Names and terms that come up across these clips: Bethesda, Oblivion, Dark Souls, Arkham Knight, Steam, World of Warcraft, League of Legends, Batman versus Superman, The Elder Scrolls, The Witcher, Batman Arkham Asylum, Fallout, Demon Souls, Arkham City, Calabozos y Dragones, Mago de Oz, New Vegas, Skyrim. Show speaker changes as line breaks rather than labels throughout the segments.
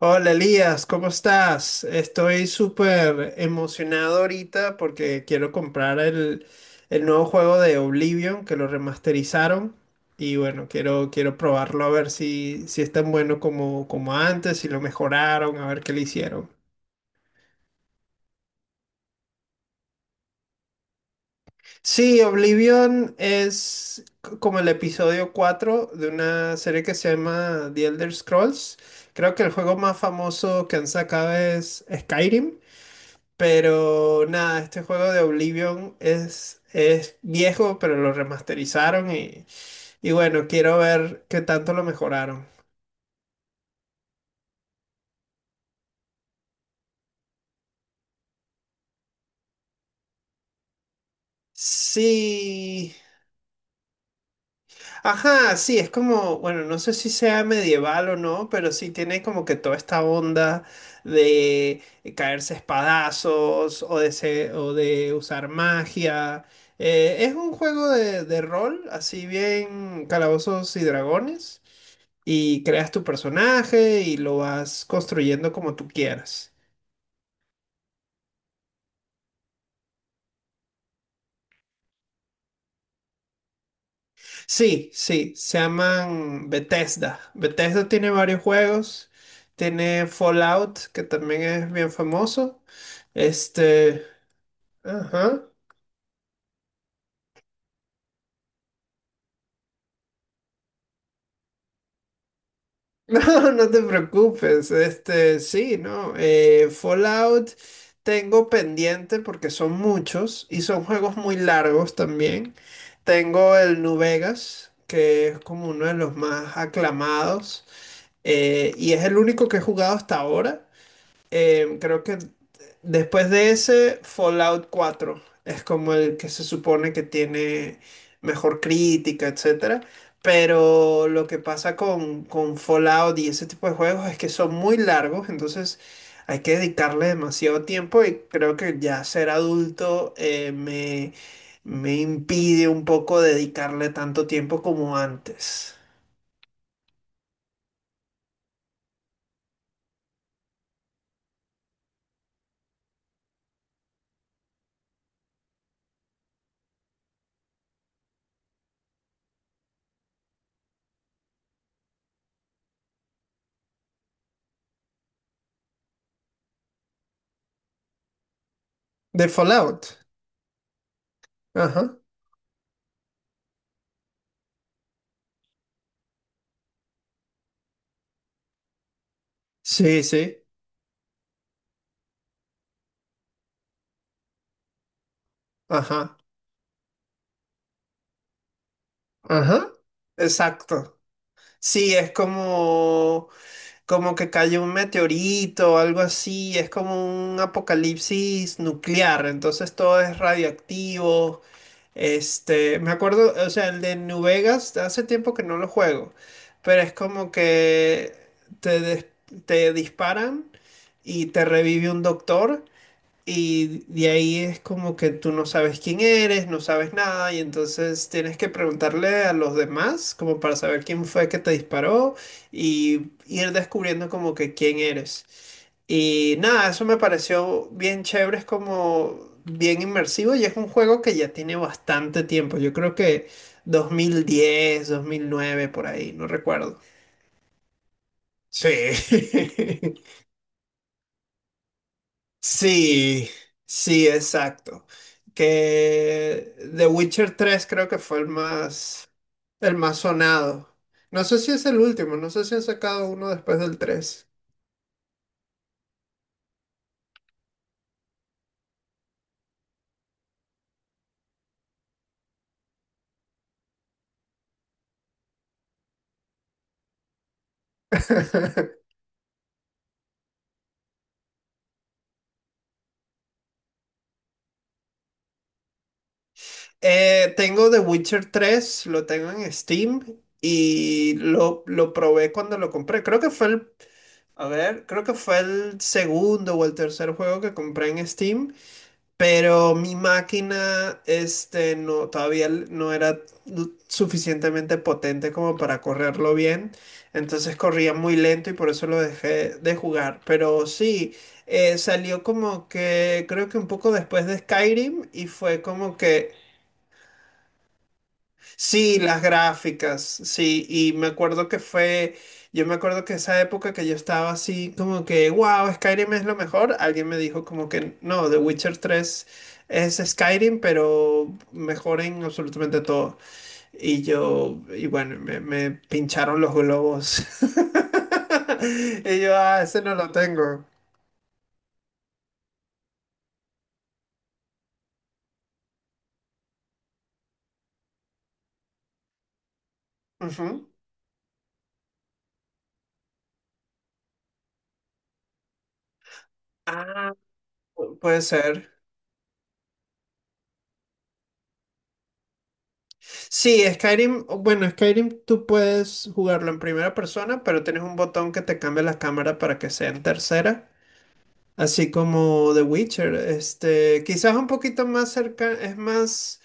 Hola Elías, ¿cómo estás? Estoy súper emocionado ahorita porque quiero comprar el nuevo juego de Oblivion que lo remasterizaron y bueno, quiero probarlo a ver si es tan bueno como antes, si lo mejoraron, a ver qué le hicieron. Sí, Oblivion es como el episodio 4 de una serie que se llama The Elder Scrolls. Creo que el juego más famoso que han sacado es Skyrim. Pero nada, este juego de Oblivion es viejo, pero lo remasterizaron y bueno, quiero ver qué tanto lo mejoraron. Sí. Ajá, sí, es como, bueno, no sé si sea medieval o no, pero sí tiene como que toda esta onda de caerse a espadazos o de usar magia. Es un juego de rol, así bien calabozos y dragones. Y creas tu personaje y lo vas construyendo como tú quieras. Sí, sí, se llaman Bethesda. Bethesda tiene varios juegos. Tiene Fallout, que también es bien famoso. Este, ajá. No, no te preocupes. Sí, no. Fallout tengo pendiente porque son muchos y son juegos muy largos también. Tengo el New Vegas, que es como uno de los más aclamados. Y es el único que he jugado hasta ahora. Creo que después de ese, Fallout 4 es como el que se supone que tiene mejor crítica, etcétera. Pero lo que pasa con Fallout y ese tipo de juegos es que son muy largos, entonces hay que dedicarle demasiado tiempo y creo que ya ser adulto me impide un poco dedicarle tanto tiempo como antes. De Fallout. Ajá. Sí, sí, ajá, ajá, exacto. Sí, es como que cae un meteorito o algo así, es como un apocalipsis nuclear, entonces todo es radioactivo. Me acuerdo, o sea, el de New Vegas, hace tiempo que no lo juego, pero es como que te, des- te disparan y te revive un doctor. Y de ahí es como que tú no sabes quién eres, no sabes nada, y entonces tienes que preguntarle a los demás como para saber quién fue que te disparó y ir descubriendo como que quién eres. Y nada, eso me pareció bien chévere, es como bien inmersivo y es un juego que ya tiene bastante tiempo, yo creo que dos mil diez 2009 por ahí, no recuerdo. Sí. Sí, sí, exacto. Que The Witcher tres creo que fue el más sonado. No sé si es el último, no sé si han sacado uno después del 3. Tengo The Witcher tres, lo tengo en Steam y lo probé cuando lo compré. Creo que fue el segundo o el tercer juego que compré en Steam. Pero mi máquina, no, todavía no era suficientemente potente como para correrlo bien. Entonces corría muy lento y por eso lo dejé de jugar. Pero sí, salió como que, creo que un poco después de Skyrim y fue como que... Sí, las gráficas, sí, y me acuerdo que esa época que yo estaba así como que, wow, Skyrim es lo mejor, alguien me dijo como que no, The Witcher tres es Skyrim, pero mejor en absolutamente todo. Y yo, y bueno, me pincharon los globos. Y yo, ah, ese no lo tengo. Ujú. Ah, puede ser. Sí, Skyrim, bueno, Skyrim tú puedes jugarlo en primera persona, pero tienes un botón que te cambia la cámara para que sea en tercera, así como The Witcher. Quizás un poquito más cerca, es más,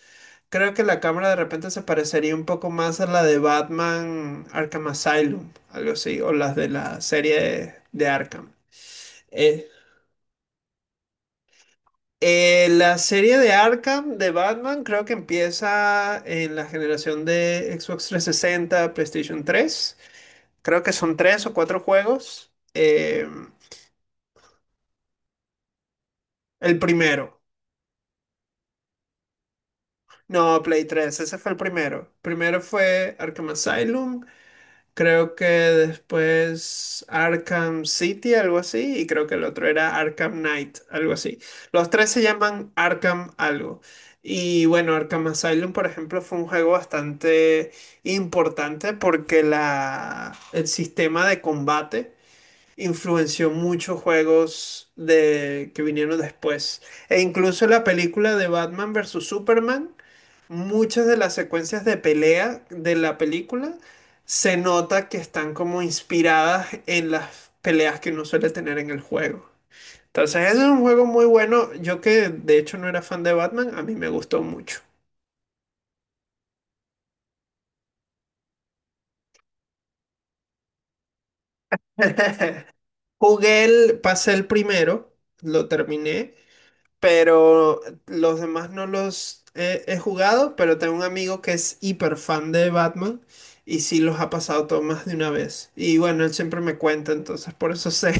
creo que la cámara de repente se parecería un poco más a la de Batman Arkham Asylum, algo así, o las de la serie de Arkham. Eh, la serie de Arkham de Batman creo que empieza en la generación de Xbox 360, PlayStation 3. Creo que son tres o cuatro juegos. El primero. No, Play 3, ese fue el primero. Primero fue Arkham Asylum, creo que después Arkham City, algo así, y creo que el otro era Arkham Knight, algo así. Los tres se llaman Arkham algo. Y bueno, Arkham Asylum, por ejemplo, fue un juego bastante importante porque el sistema de combate influenció muchos juegos que vinieron después. E incluso la película de Batman versus Superman, muchas de las secuencias de pelea de la película se nota que están como inspiradas en las peleas que uno suele tener en el juego. Entonces, ese es un juego muy bueno. Yo que de hecho no era fan de Batman, a mí me gustó mucho. Pasé el primero, lo terminé. Pero los demás no los he jugado, pero tengo un amigo que es hiper fan de Batman y sí los ha pasado todo más de una vez. Y bueno, él siempre me cuenta, entonces por eso sé.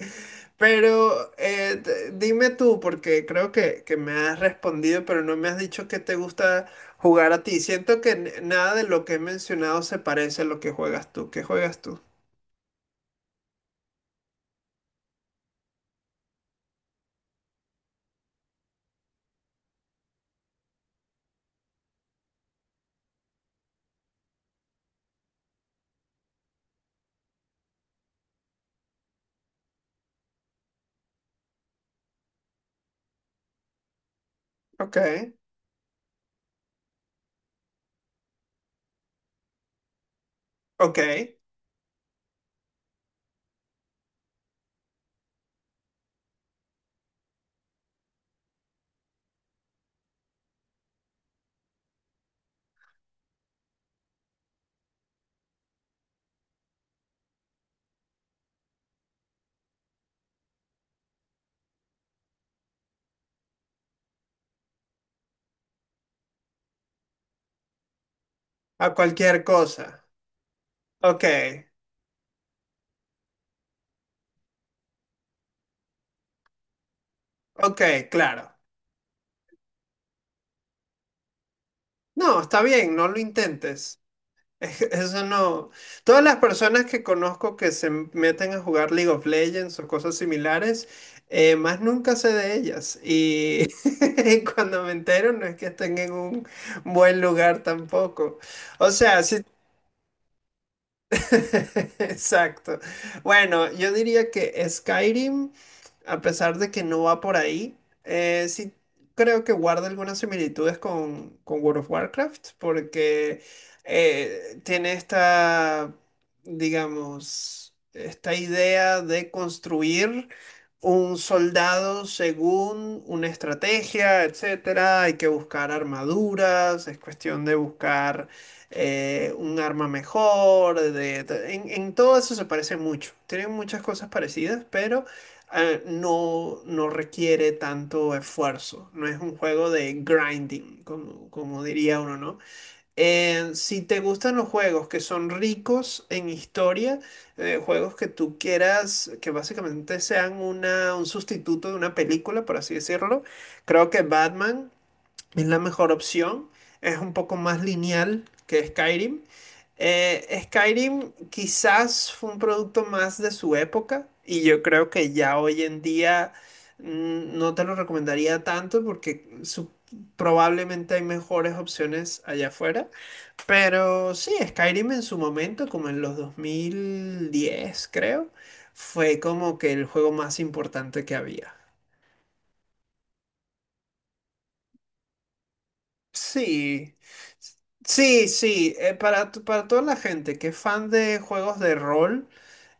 Pero dime tú, porque creo que me has respondido, pero no me has dicho que te gusta jugar a ti. Siento que nada de lo que he mencionado se parece a lo que juegas tú. ¿Qué juegas tú? Ok, ok. A cualquier cosa. Ok, ok, claro. No, está bien, no lo intentes. Eso no. Todas las personas que conozco que se meten a jugar League of Legends o cosas similares, más nunca sé de ellas. Y cuando me entero, no es que estén en un buen lugar tampoco. O sea, si... Exacto. Bueno, yo diría que Skyrim, a pesar de que no va por ahí, sí creo que guarda algunas similitudes con World of Warcraft, porque tiene esta, digamos, esta idea de construir un soldado según una estrategia, etcétera. Hay que buscar armaduras, es cuestión de buscar un arma mejor, en todo eso se parece mucho. Tienen muchas cosas parecidas, pero no, no requiere tanto esfuerzo. No es un juego de grinding, como diría uno, ¿no? Si te gustan los juegos que son ricos en historia, juegos que tú quieras, que básicamente sean un sustituto de una película, por así decirlo, creo que Batman es la mejor opción. Es un poco más lineal que Skyrim. Skyrim quizás fue un producto más de su época y yo creo que ya hoy en día no te lo recomendaría tanto porque probablemente hay mejores opciones allá afuera. Pero sí, Skyrim en su momento, como en los 2010 creo, fue como que el juego más importante que había. Sí, sí, sí, para, para toda la gente que es fan de juegos de rol,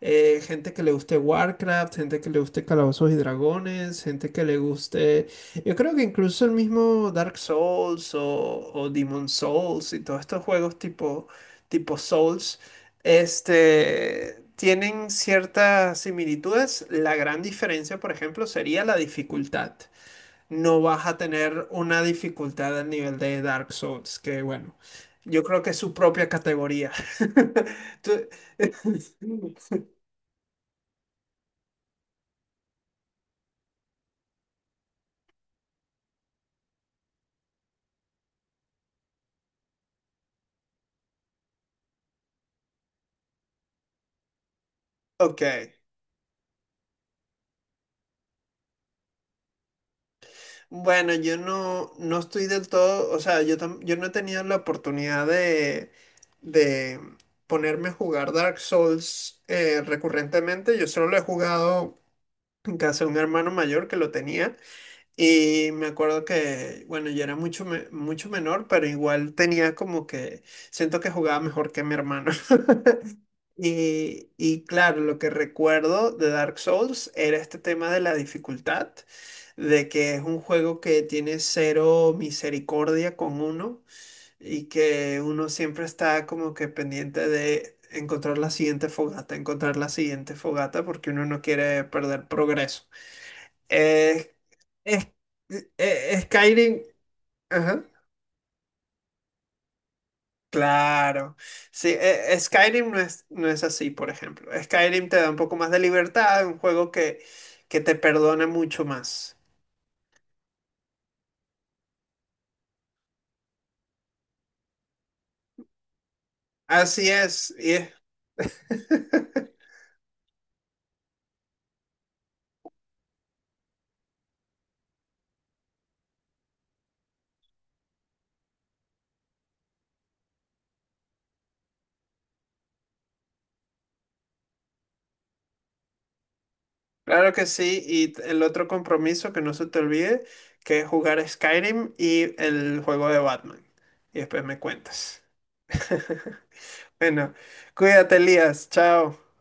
gente que le guste Warcraft, gente que le guste Calabozos y Dragones, gente que le guste, yo creo que incluso el mismo Dark Souls o Demon Souls y todos estos juegos tipo, tipo Souls, tienen ciertas similitudes. La gran diferencia, por ejemplo, sería la dificultad. No vas a tener una dificultad al nivel de Dark Souls, que bueno, yo creo que es su propia categoría. Tú- Ok, bueno, yo no, no estoy del todo, o sea, yo no he tenido la oportunidad de ponerme a jugar Dark Souls recurrentemente, yo solo lo he jugado en casa de un hermano mayor que lo tenía. Y me acuerdo que, bueno, yo era mucho menor, pero igual tenía como que, siento que jugaba mejor que mi hermano. Y claro, lo que recuerdo de Dark Souls era este tema de la dificultad, de que es un juego que tiene cero misericordia con uno y que uno siempre está como que pendiente de encontrar la siguiente fogata, encontrar la siguiente fogata porque uno no quiere perder progreso. Es es- Skyrim, ajá, claro. Sí, Skyrim no es, no es así, por ejemplo. Skyrim te da un poco más de libertad, un juego que te perdona mucho más. Así es, Claro que sí. Y el otro compromiso que no se te olvide, que es jugar Skyrim y el juego de Batman. Y después me cuentas. Bueno, cuídate, Elías. Chao.